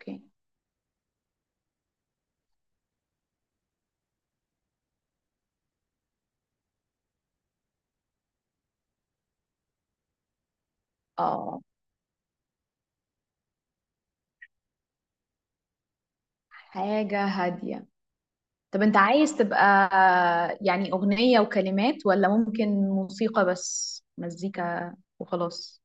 اوكي. اه، حاجة هادية. طب انت عايز تبقى، يعني اغنية وكلمات، ولا ممكن موسيقى بس مزيكا وخلاص؟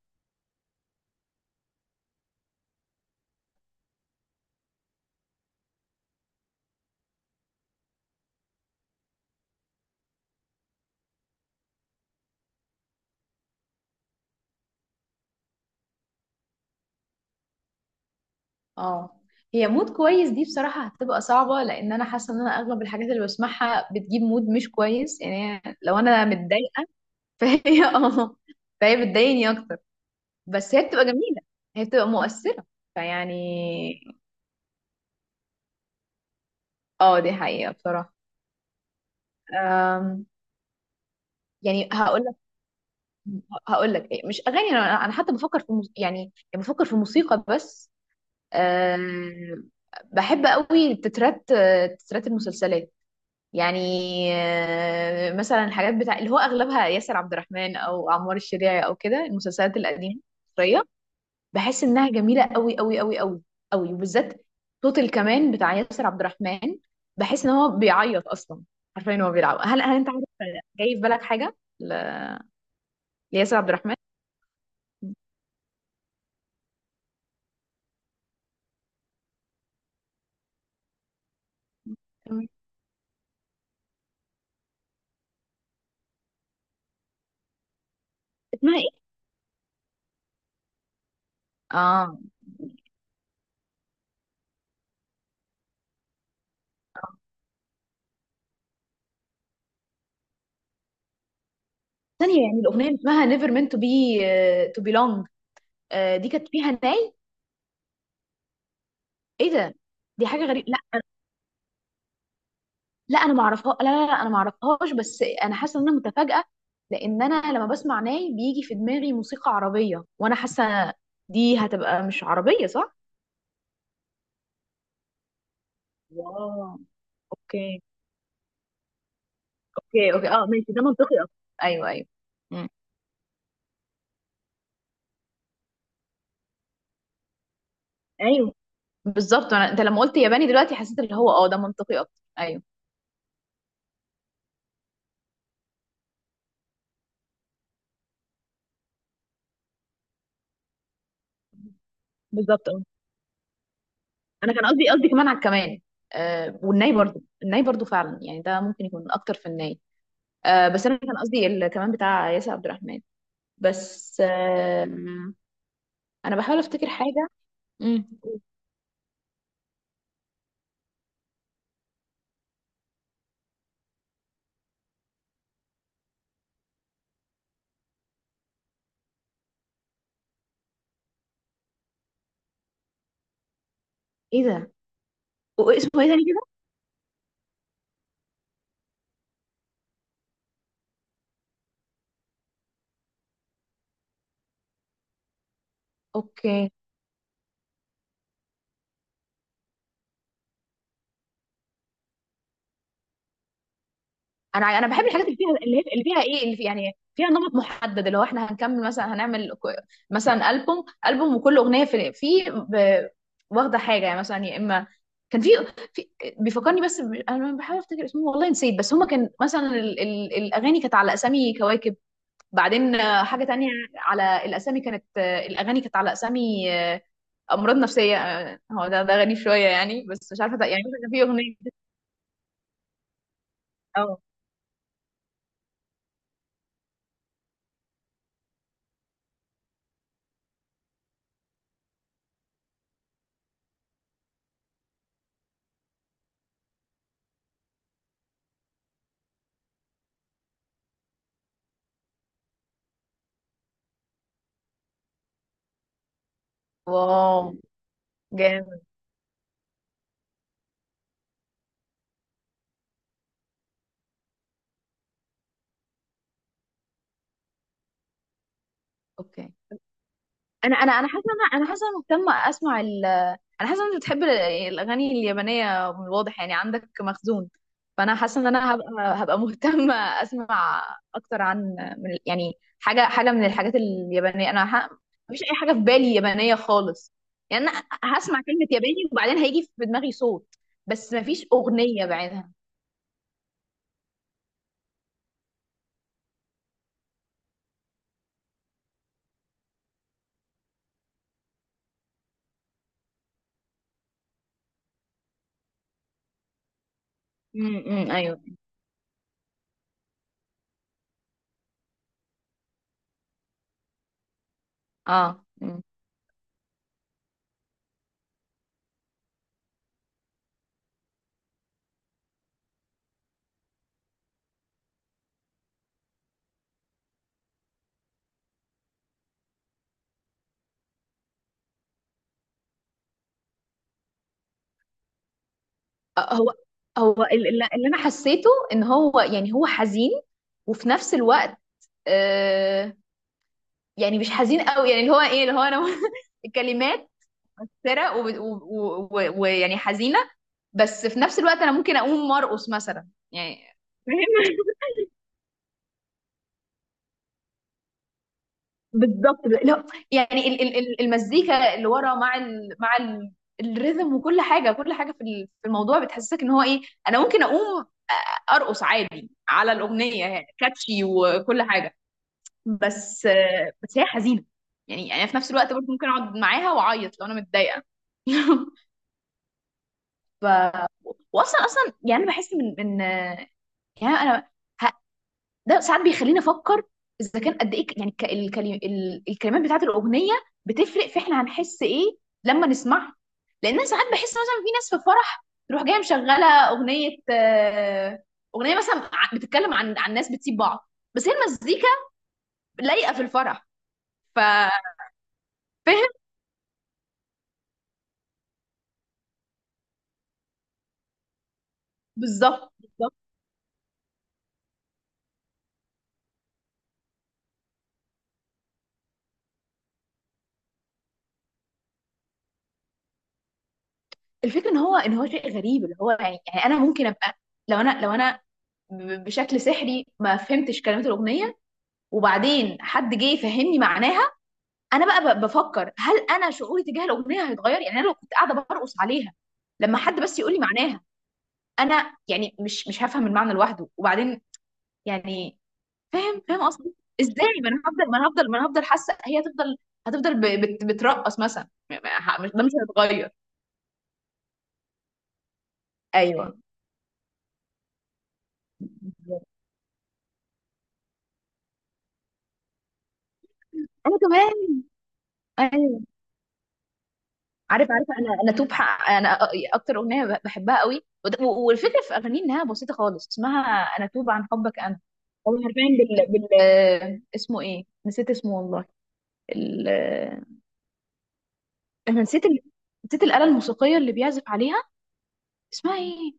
اه، هي مود كويس دي بصراحة هتبقى صعبة، لان انا حاسة ان انا اغلب الحاجات اللي بسمعها بتجيب مود مش كويس، يعني لو انا متضايقة. فهي اه، فهي بتضايقني اكتر. بس هي بتبقى جميلة، هي بتبقى مؤثرة. فيعني اه، دي حقيقة بصراحة. أم، يعني هقول، هقول لك ايه؟ مش اغاني انا، انا حتى بفكر في يعني، يعني بفكر في موسيقى بس. أه... بحب قوي تترات، تترات المسلسلات. يعني مثلا الحاجات بتاع اللي هو اغلبها ياسر عبد الرحمن او عمار الشريعي او كده، المسلسلات القديمه المصريه. بحس انها جميله قوي قوي قوي قوي قوي، وبالذات صوت الكمان بتاع ياسر عبد الرحمن. بحس ان هو بيعيط اصلا. عارفين هو بيلعب، هل انت عارف جاي في بالك حاجه لياسر عبد الرحمن؟ اسمها اه ثانية، يعني الأغنية اللي اسمها never meant to be to belong، دي كانت فيها ناي. ايه ده؟ دي حاجة غريبة. لا، لا أنا ما اعرفها، لا لا لا أنا ما اعرفهاش، بس أنا حاسة إن أنا متفاجئة. لأن أنا لما بسمع ناي بيجي في دماغي موسيقى عربية، وأنا حاسة دي هتبقى مش عربية، صح؟ واو. اوكي اوكي اوكي، اه ماشي، ده منطقي اصلا. ايوه ايوه. مم. ايوه بالظبط، انت لما قلت ياباني دلوقتي حسيت اللي هو اه ده منطقي اكتر. ايوه بالظبط، انا كان قصدي كمان على الكمان. آه، والناي برضو، الناي برضو فعلا، يعني ده ممكن يكون اكتر في الناي. آه، بس انا كان قصدي الكمان بتاع ياسر عبد الرحمن. بس آه، انا بحاول افتكر حاجه. مم. ايه ده؟ اسمه ايه تاني كده؟ اوكي، انا بحب الحاجات اللي فيها، اللي فيها ايه، اللي في يعني فيها نمط محدد، اللي هو احنا هنكمل، مثلا هنعمل مثلا البوم وكل اغنيه في ب- واخده حاجه، يعني مثلا يا اما كان في بيفكرني بس انا بحاول افتكر اسمه والله نسيت، بس هما كان مثلا ال الاغاني كانت على اسامي كواكب، بعدين حاجه تانية، على الاسامي كانت الاغاني كانت على اسامي امراض نفسيه، هو ده غريب شويه يعني، بس مش عارفه يعني مثلا كان في اغنيه. اه. واو جامد. اوكي، انا حاسه، انا حاسه انا مهتمه اسمع انا حاسه انت بتحب الاغاني اليابانيه، من الواضح يعني عندك مخزون. فانا حاسه ان انا هبقى، هبقى مهتمه اسمع اكتر عن، من يعني، حاجه من الحاجات اليابانيه. مفيش اي حاجه في بالي يابانيه خالص. يعني انا هسمع كلمه ياباني وبعدين هيجي في دماغي صوت، بس مفيش اغنيه بعدها. ايوه. اه مم. هو اللي انا حسيته ان هو، يعني هو حزين، وفي نفس الوقت آه، يعني مش حزين قوي، يعني اللي هو ايه اللي هو انا الكلمات سرق ويعني ويعني حزينه، بس في نفس الوقت انا ممكن اقوم مرقص مثلا يعني. فاهم. بالظبط لا، يعني المزيكا اللي ورا مع مع الريذم وكل حاجه، كل حاجه في في الموضوع بتحسسك ان هو ايه. انا ممكن اقوم ارقص عادي على الاغنيه، يعني كاتشي وكل حاجه. بس آه، بس هي حزينه، يعني انا في نفس الوقت برضه ممكن اقعد معاها واعيط لو انا متضايقه. ف واصلا، اصلا يعني انا بحس من يعني انا ه... ده ساعات بيخليني افكر اذا كان قد ايه يعني الكلمات بتاعت الاغنيه بتفرق في احنا هنحس ايه لما نسمعها. لان انا ساعات بحس مثلا في ناس في فرح تروح جايه مشغله اغنيه، اغنيه مثلا بتتكلم عن ناس بتسيب بعض، بس هي المزيكا لايقه في الفرح. ف بالظبط بالظبط. الفكره ان هو ان هو شيء غريب، اللي هو يعني، يعني انا ممكن ابقى، لو انا بشكل سحري ما فهمتش كلمات الاغنيه، وبعدين حد جه يفهمني معناها. انا بقى بفكر هل انا شعوري تجاه الاغنيه هيتغير، يعني انا لو كنت قاعده برقص عليها لما حد بس يقول لي معناها، انا يعني مش هفهم المعنى لوحده وبعدين يعني. فاهم، فاهم قصدي. ازاي؟ ما انا هفضل ما انا هفضل ما انا هفضل حاسه، هي هتفضل، هتفضل بترقص مثلا ده مش هيتغير. ايوه انا كمان. ايوه عارف عارف، انا توب حق انا اكتر اغنيه بحبها قوي، والفكره في اغانيه انها بسيطه خالص، اسمها انا توب عن حبك انا. هو حرفيا بال... بال آه، اسمه ايه؟ نسيت اسمه والله. آه، انا نسيت نسيت الاله الموسيقيه اللي بيعزف عليها، اسمها ايه؟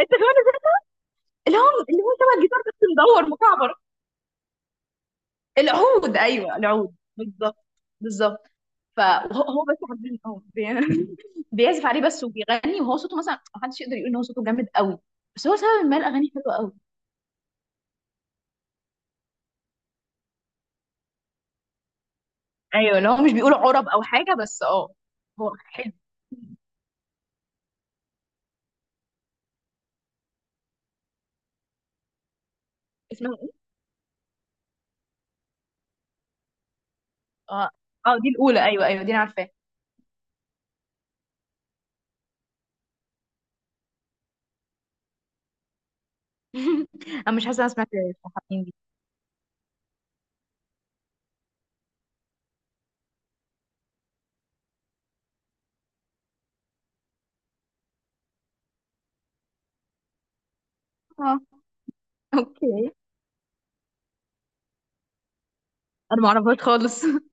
انت كمان؟ اللي هو، اللي هو شبه الجيتار بس مدور مكعبر. العود ايوه، العود بالظبط بالظبط. فهو بس حرفيا اه بيعزف عليه بس وبيغني، وهو صوته مثلا محدش يقدر يقول ان هو صوته جامد قوي، بس هو سبب ما الاغاني حلوه قوي. ايوه لو هو مش بيقول عرب او حاجه بس اه هو حلو. اسمها ايه؟ اه. اه دي الاولى، ايوه ايوه دي انا عارفاها. انا مش حاسه انا سمعت الحين دي. اه اوكي. انا ما اعرفهاش خالص.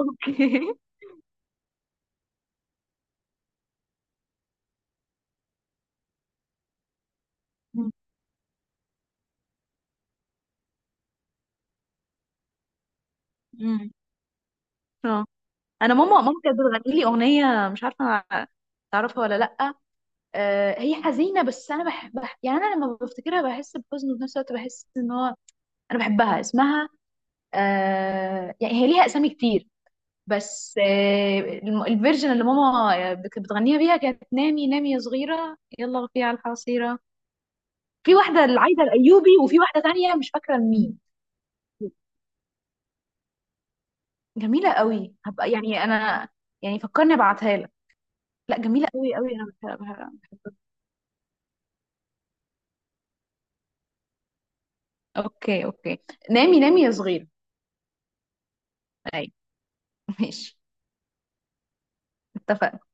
اوكي. أمم. اه، انا ماما كانت بتغني لي اغنيه، مش عارفه تعرفها ولا لا. هي حزينة بس أنا بحبها، يعني أنا لما بفتكرها بحس بحزن، وفي نفس الوقت بحس إن هو أنا بحبها. اسمها آه، يعني هي ليها أسامي كتير، بس آه الفيرجن اللي ماما بتغنيها بيها كانت نامي نامي يا صغيرة يلا غفي على الحصيرة. في واحدة العايدة الأيوبي وفي واحدة تانية مش فاكرة مين. جميلة قوي، هبقى يعني أنا، يعني فكرني أبعتها لك. لا جميلة قوي قوي، أنا بحبها، بحبها. أوكي أوكي، نامي نامي يا صغيرة. أي. ماشي اتفقنا.